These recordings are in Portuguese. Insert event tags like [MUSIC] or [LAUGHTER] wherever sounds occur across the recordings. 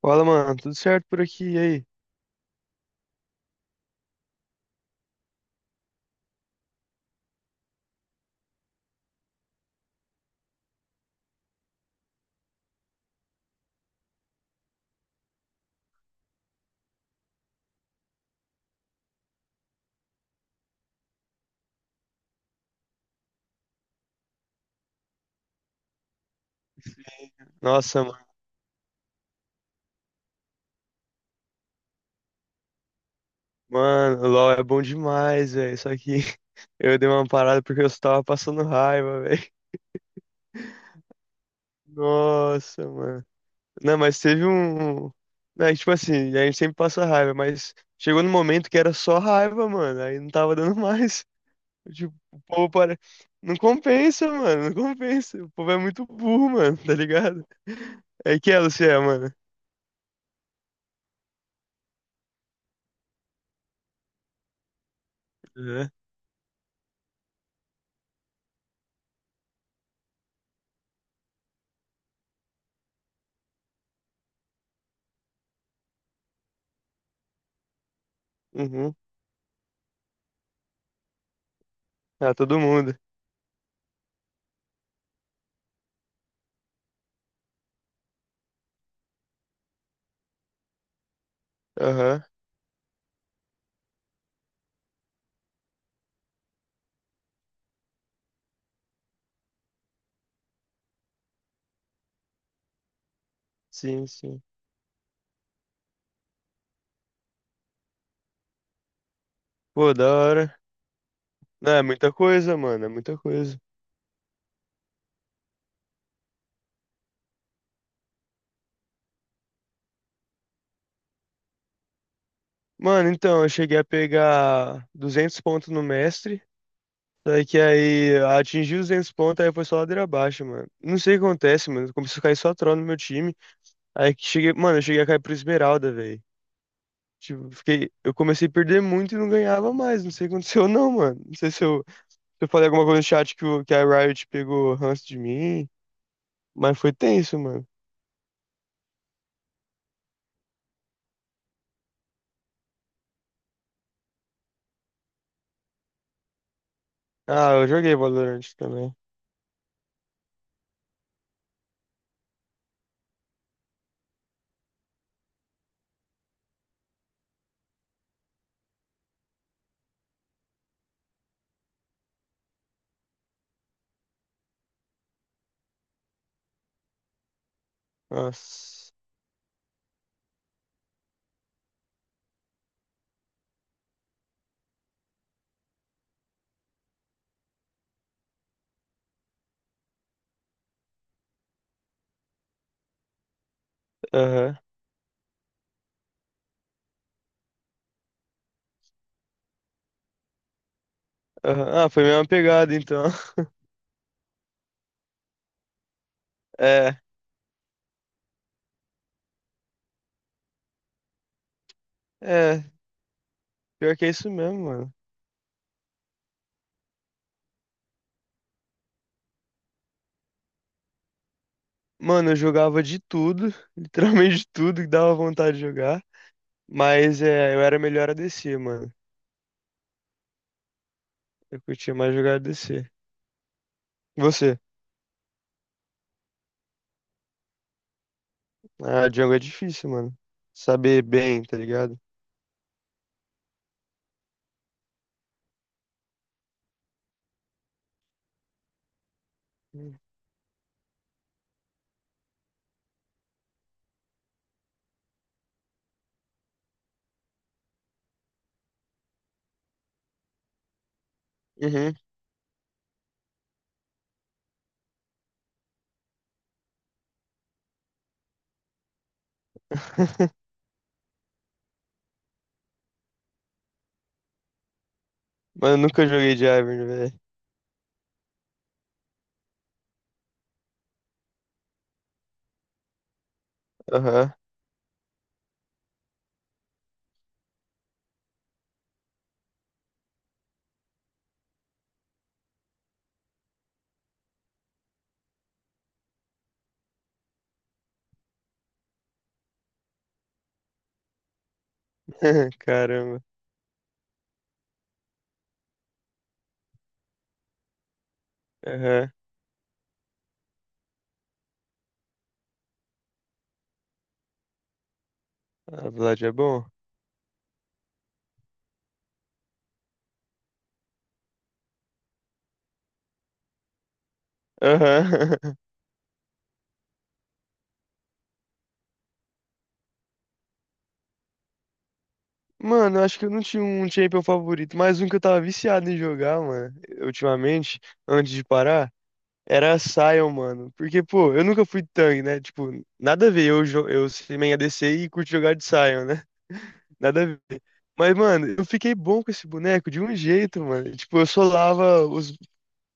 Fala, mano, tudo certo por aqui? E aí? Nossa, mano, o LoL é bom demais, velho. Só que [LAUGHS] eu dei uma parada porque eu só tava passando raiva, [LAUGHS] velho. Nossa, mano. Não, mas teve um. Né, tipo assim, a gente sempre passa raiva, mas chegou no momento que era só raiva, mano. Aí não tava dando [LAUGHS] mais. Tipo, o povo para. Não compensa, mano, não compensa. O povo é muito burro, mano, tá ligado? É que é, você é, mano. Uhum. Uhum. Ah, todo mundo. Aham. Sim, sim. Pô, da hora. Não, é muita coisa, mano, é muita coisa. Mano, então, eu cheguei a pegar 200 pontos no mestre, daí que aí atingi os 200 pontos, aí foi só ladeira abaixo, mano. Não sei o que acontece, mano, começou a cair só troll no meu time, aí que cheguei, mano, eu cheguei a cair pro Esmeralda, velho. Tipo, fiquei, eu comecei a perder muito e não ganhava mais, não sei o que aconteceu não, mano. Não sei se eu falei alguma coisa no chat que a Riot pegou ranço de mim, mas foi tenso, mano. Ah, eu joguei Valorant também. Nossa. Aham, aham. Ah, foi a mesma pegada, então. [LAUGHS] É, é. Pior que é isso mesmo, mano. Mano, eu jogava de tudo, [LAUGHS] literalmente de tudo que dava vontade de jogar. Mas é, eu era melhor a ADC, mano. Eu curtia mais jogar ADC. E você? Ah, jungle é difícil, mano. Saber bem, tá ligado? Uhum. [LAUGHS] Mano, eu nunca joguei de Ivern, velho. Aham. [LAUGHS] Caramba. Aham. A Vlad é bom. Aham. [LAUGHS] Mano, eu acho que eu não tinha um champion favorito, mas um que eu tava viciado em jogar, mano, ultimamente, antes de parar, era a Sion, mano. Porque, pô, eu nunca fui tanque, né? Tipo, nada a ver eu, eu ser main ADC e curto jogar de Sion, né? [LAUGHS] Nada a ver. Mas, mano, eu fiquei bom com esse boneco de um jeito, mano. Tipo,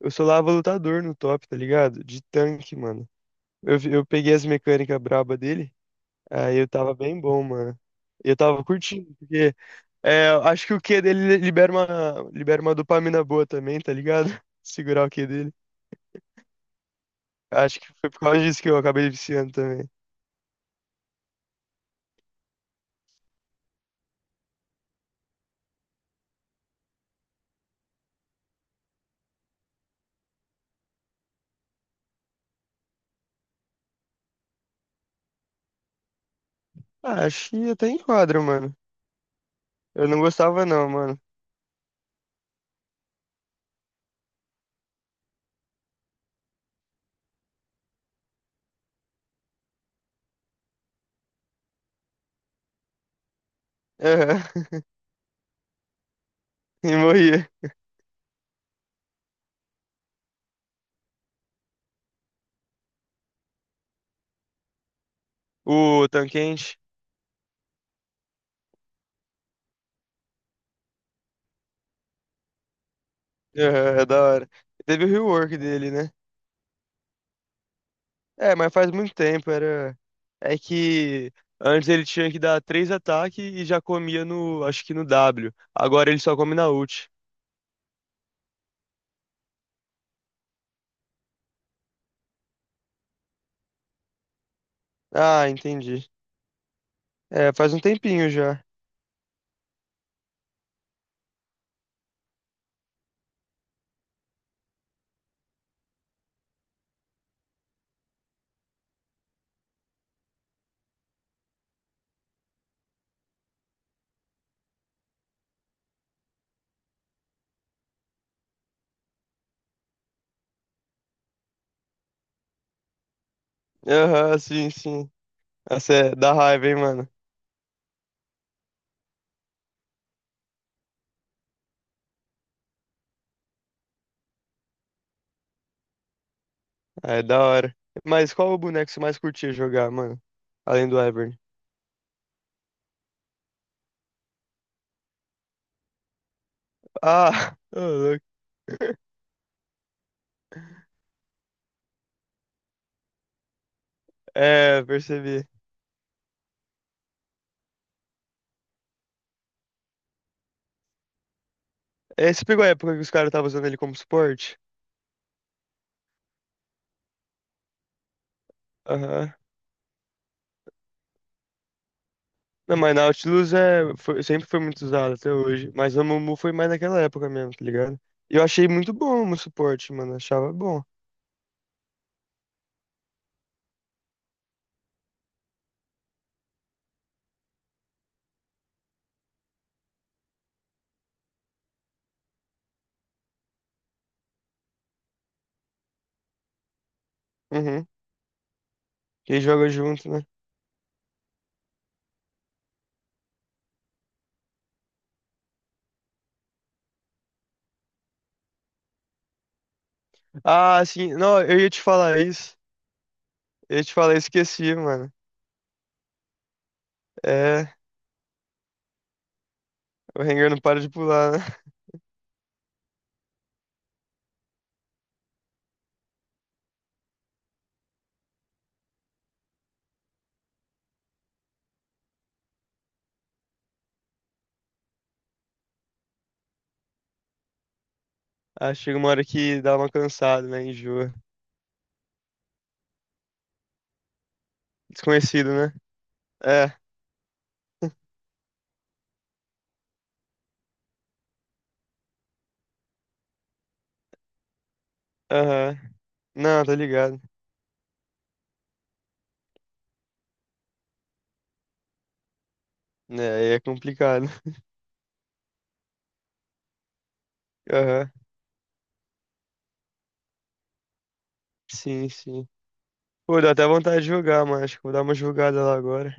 eu solava lutador no top, tá ligado? De tanque, mano. Eu peguei as mecânicas braba dele, aí eu tava bem bom, mano. Eu tava curtindo, porque é, acho que o Q dele libera uma dopamina boa também, tá ligado? [LAUGHS] Segurar o Q dele. Acho que foi por causa disso que eu acabei viciando também. Ah, acho que até enquadra, mano. Eu não gostava não, mano. Aham. [LAUGHS] E morria. O Tanquente. Aham, é da hora. Teve o rework dele, né? É, mas faz muito tempo, era... É que antes ele tinha que dar três ataques e já comia no... Acho que no W. Agora ele só come na ult. Ah, entendi. É, faz um tempinho já. Aham, sim, sim. Essa é da raiva, hein, mano? Ah, é da hora. Mas qual o boneco que você mais curtia jogar, mano? Além do Ivern. Ah, [LAUGHS] ô, louco. É, percebi. É, você pegou a época que os caras estavam usando ele como suporte? Aham. Não, mas Nautilus é, foi- sempre foi muito usado até hoje. Mas a Mumu foi mais naquela época mesmo, tá ligado? E eu achei muito bom o suporte, mano. Achava bom. Uhum. Quem joga junto, né? Ah, sim. Não, eu ia te falar isso. Eu ia te falar, esqueci, mano. É. O Rengar não para de pular, né? Ah, chega uma hora que dá uma cansada, né? Enjoa. Desconhecido, né? É, aham. Não, tá ligado. É, aí é complicado. [LAUGHS] Aham. Sim, sim. Pô, dá até vontade de jogar, mano. Acho que vou dar uma jogada lá agora.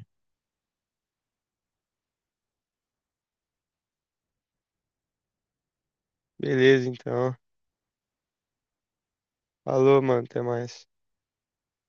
Beleza, então. Falou, mano. Até mais.